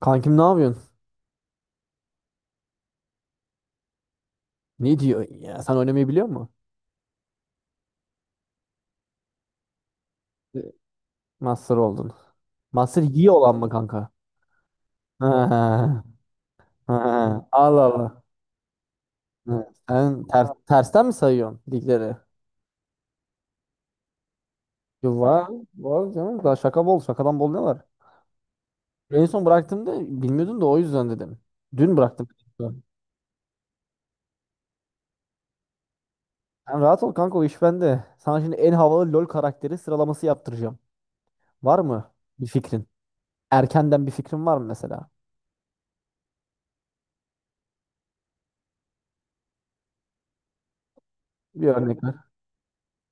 Kankim ne yapıyorsun? Ne diyor ya? Sen oynamayı biliyor musun? Master oldun. Master iyi olan mı kanka? Ha, ha. Allah Allah. Ha, sen tersten mi sayıyorsun ligleri? Yo, var, var canım. Daha şaka bol. Şakadan bol ne var? En son bıraktığımda bilmiyordun da o yüzden dedim. Dün bıraktım. Sen rahat ol kanka o iş bende. Sana şimdi en havalı LoL karakteri sıralaması yaptıracağım. Var mı bir fikrin? Erkenden bir fikrin var mı mesela? Bir örnek.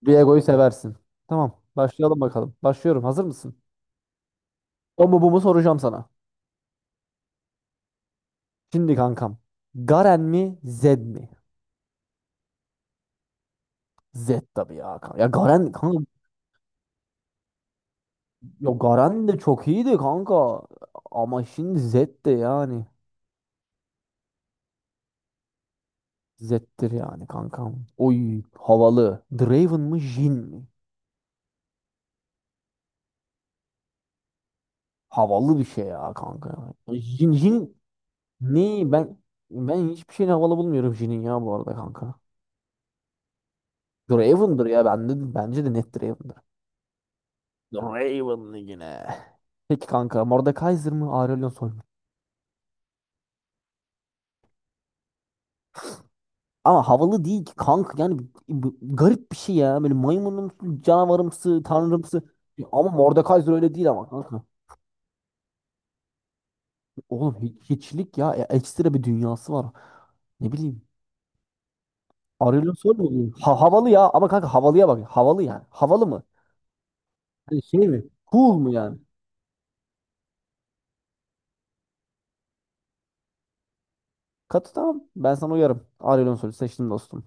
Diego'yu seversin. Tamam. Başlayalım bakalım. Başlıyorum. Hazır mısın? O mu bu mu soracağım sana. Şimdi kankam. Garen mi? Zed mi? Zed tabii ya kanka. Ya Garen kanka. Ya Garen de çok iyiydi kanka. Ama şimdi Zed de yani. Zed'dir yani kankam. Oy havalı. Draven mı Jhin mi? Havalı bir şey ya kanka. Jhin Jhin ne? Ben hiçbir şeyin havalı bulmuyorum Jhin'in ya bu arada kanka. Draven'dır ya bende bence de net Draven'dır. Raven yine. Peki kanka Mordekaiser mı Aurelion Sol mu? Ama havalı değil ki kanka yani garip bir şey ya. Böyle maymunumsu, canavarımsı, tanrımsı. Ama Mordekaiser öyle değil ama kanka. Oğlum hiçlik ya. Ekstra bir dünyası var. Ne bileyim. Aurelion Sol mu? Ha, havalı ya ama kanka havalıya bak. Havalı yani. Havalı mı? Yani şey mi? Cool mu yani? Katı tamam. Ben sana uyarım. Aurelion Sol'ü seçtim dostum.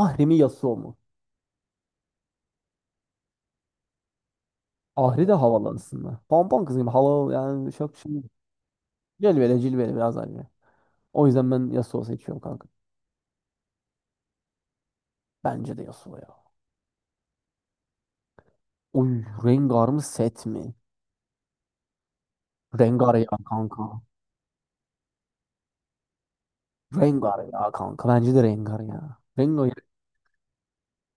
Ahri mi Yasuo mu? Ahri de havalı aslında. Pompon kız gibi havalı yani çok şey. Cilveli cilveli biraz anne. O yüzden ben Yasuo seçiyorum kanka. Bence de Yasuo ya. Oy Rengar mı set mi? Rengar ya kanka. Rengar ya kanka. Bence de Rengar ya. Rengar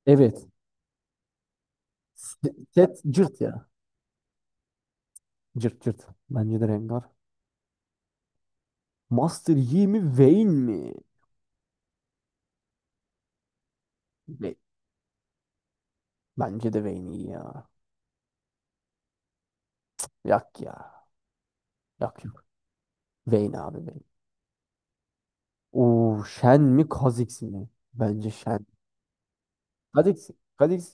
evet. Set cırt ya. Cırt cırt. Bence de Rengar. Master Yi mi Vayne mi? Ve- Bence de Vayne iyi ya. Yak ya. Yak yok. Vayne abi Vayne. Oo Shen mi Kha'Zix mi? Bence Shen. Kha'Zix. Kha'Zix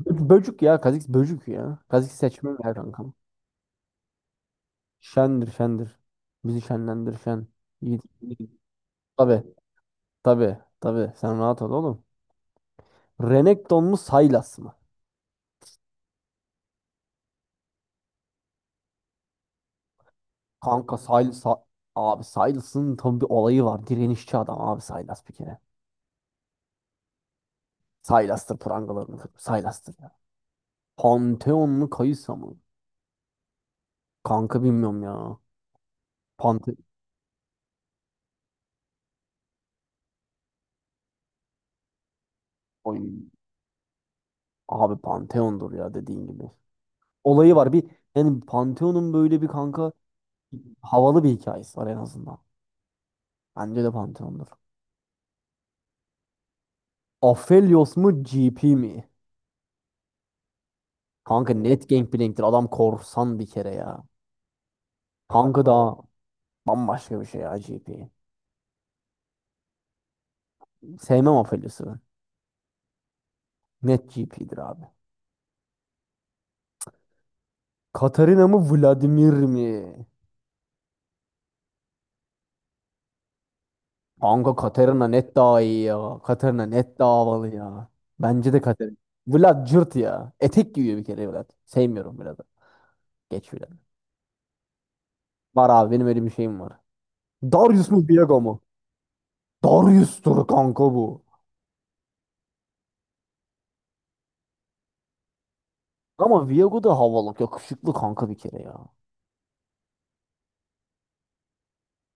böcük ya. Kazix böcük ya. Kazix seçmem ya kankam. Şendir şendir. Bizi şenlendir şen. Yiğit. Tabi tabi tabi. Sen rahat ol oğlum. Renekton mu Sylas mı? Kanka Sylas. Abi Sylas'ın tam bir olayı var. Direnişçi adam abi Sylas bir kere. Sylas'tır prangalarını kırıp. Sylas'tır ya. Pantheon mu Kayısa mı? Kanka bilmiyorum ya. Pante Oy. Abi Pantheon'dur ya dediğin gibi. Olayı var bir yani Pantheon'un böyle bir kanka havalı bir hikayesi var en azından. Bence de Pantheon'dur. Aphelios mu GP mi? Kanka net Gangplank'tir. Adam korsan bir kere ya. Kanka da bambaşka bir şey ya GP. Sevmem Aphelios'u ben. Net GP'dir abi. Katarina mı Vladimir mi? Kanka Katarina net daha iyi ya. Katarina net daha havalı ya. Bence de Katarina. Vlad cırt ya. Etek giyiyor bir kere Vlad. Sevmiyorum Vlad'ı. Geç Vlad'ı. Var abi benim öyle bir şeyim var. Darius mu Viego mu? Darius'tur kanka bu. Ama Viego da havalı. Yakışıklı kanka bir kere ya.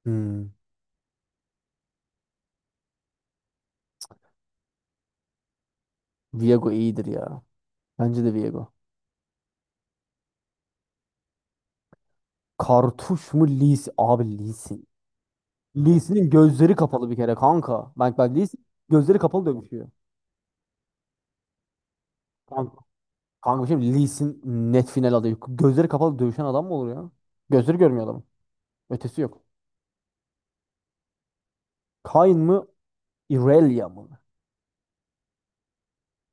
Hmm. Viego iyidir ya. Bence de Viego. Kartuş mu Lis? Abi Lis'in. Lis'in gözleri kapalı bir kere kanka. Bak bak Lis gözleri kapalı dövüşüyor. Kanka, kanka şimdi Lis'in net final adayı. Gözleri kapalı dövüşen adam mı olur ya? Gözleri görmüyor adamın. Ötesi yok. Kayn mı? Irelia mı?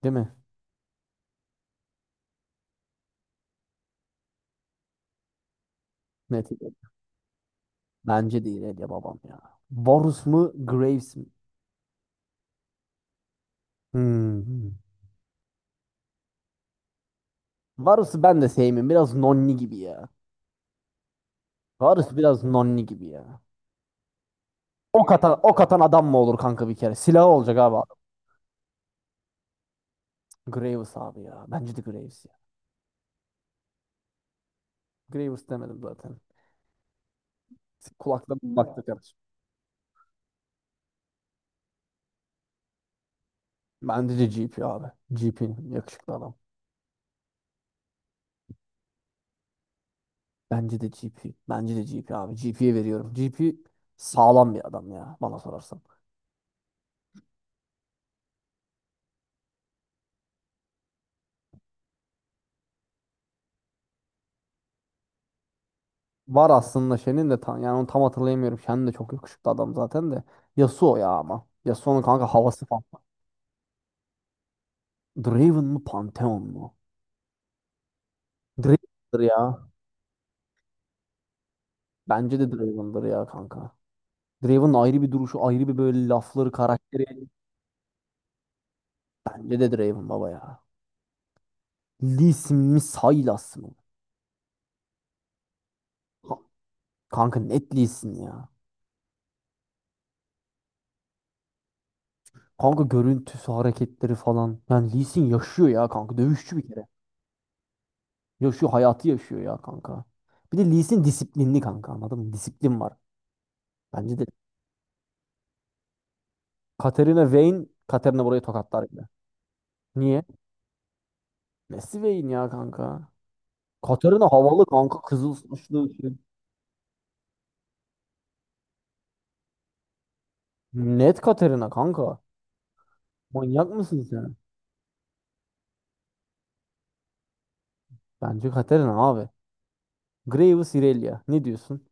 Değil mi? Net. Bence de Irelia babam ya. Varus mu? Graves mi? Hmm. Hmm. Varus'u ben de sevmiyorum. Biraz nonni gibi ya. Varus biraz nonni gibi ya. Ok atan, ok atan adam mı olur kanka bir kere? Silahı olacak abi. Graves abi ya. Bence de Graves ya. Graves demedim zaten. Kulaklarım baktı kardeşim. Bence de GP abi. GP yakışıklı adam. Bence de GP. Bence de GP abi. GP'ye veriyorum. GP sağlam bir adam ya bana sorarsan. Var aslında Shen'in de tam yani onu tam hatırlayamıyorum. Shen de çok yakışıklı adam zaten de. Yasuo ya ama. Yasuo'nun kanka havası falan. Draven mı Pantheon mu? Draven'dır ya. Bence de Draven'dır ya kanka. Draven'ın ayrı bir duruşu, ayrı bir böyle lafları, karakteri. Bence de Draven baba ya. Lee Sin mi Sylas mı? Ha- Kanka net Lee Sin ya. Kanka görüntüsü, hareketleri falan. Yani Lee Sin yaşıyor ya kanka. Dövüşçü bir kere. Yaşıyor, hayatı yaşıyor ya kanka. Bir de Lee Sin disiplinli kanka anladın mı? Disiplin var. Bence de. Katarina Vayne, Katarina burayı tokatlar bile. Niye? Messi Vayne ya kanka. Katarina havalı kanka. Kızıl saçlı. Net Katerina kanka. Manyak mısın sen? Bence Katerina abi. Graves Irelia. Ne diyorsun?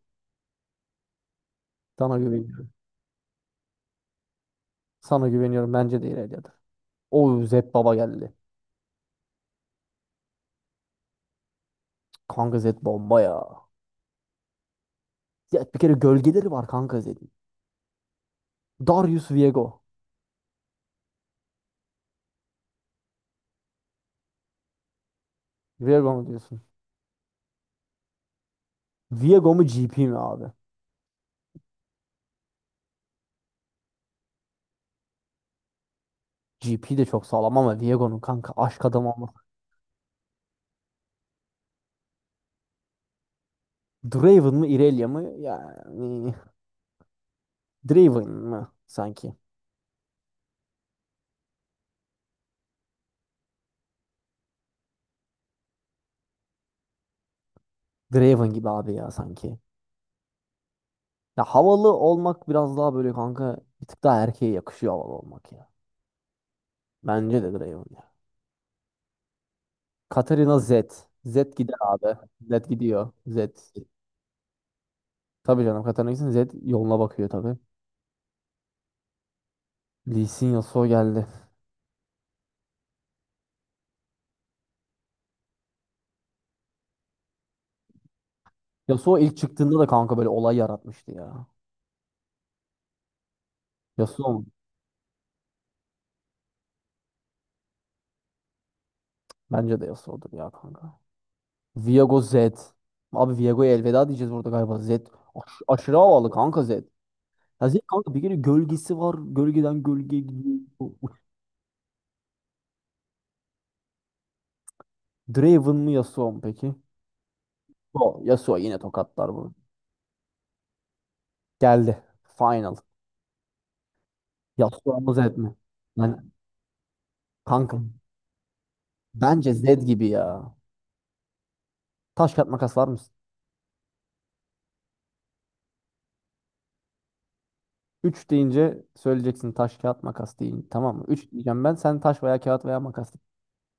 Sana güveniyorum. Sana güveniyorum. Bence de İrelia'dır. O Zed baba geldi. Kanka Zed bomba ya. Ya bir kere gölgeleri var kanka Zed'in. Darius Viego. Viego mu diyorsun? Viego mu GP mi abi? GP de çok sağlam ama Viego'nun kanka aşk adamı ama. Draven mı Irelia mı? Yani Draven mı sanki? Draven gibi abi ya sanki. Ya havalı olmak biraz daha böyle kanka bir tık daha erkeğe yakışıyor havalı olmak ya. Bence de Draven ya. Katarina Z. Z gider abi. Z gidiyor. Z. Tabii canım Katarina gitsin. Z yoluna bakıyor tabii. Lee Sin Yasuo geldi. Yasuo ilk çıktığında da kanka böyle olay yaratmıştı ya. Yasuo mu? Bence de Yasuo'dur ya kanka. Viego Z. Abi Viego'ya elveda diyeceğiz burada galiba. Z. Aşırı havalı kanka Z. Ya Z kanka bir kere gölgesi var. Gölgeden gölgeye gidiyor. Draven mı Yasuo mu peki? Yasuo, Yasuo yine tokatlar bunu. Geldi. Final. Yasuo mu Zed mi? Yani kankam bence Zed gibi ya. Taş kağıt makas var mısın? Üç deyince söyleyeceksin taş kağıt makas deyin. Tamam mı? 3 diyeceğim ben. Sen taş veya kağıt veya makas.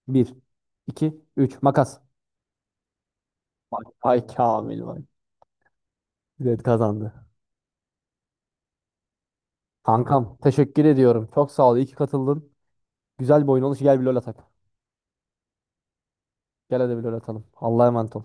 Bir 2 3 makas. Vay, vay Kamil vay. Zed kazandı. Kankam teşekkür ediyorum. Çok sağ ol. İyi ki katıldın. Güzel bir oyun olmuş. Gel bir lol atak. Gel hadi bir lol atalım. Allah'a emanet ol.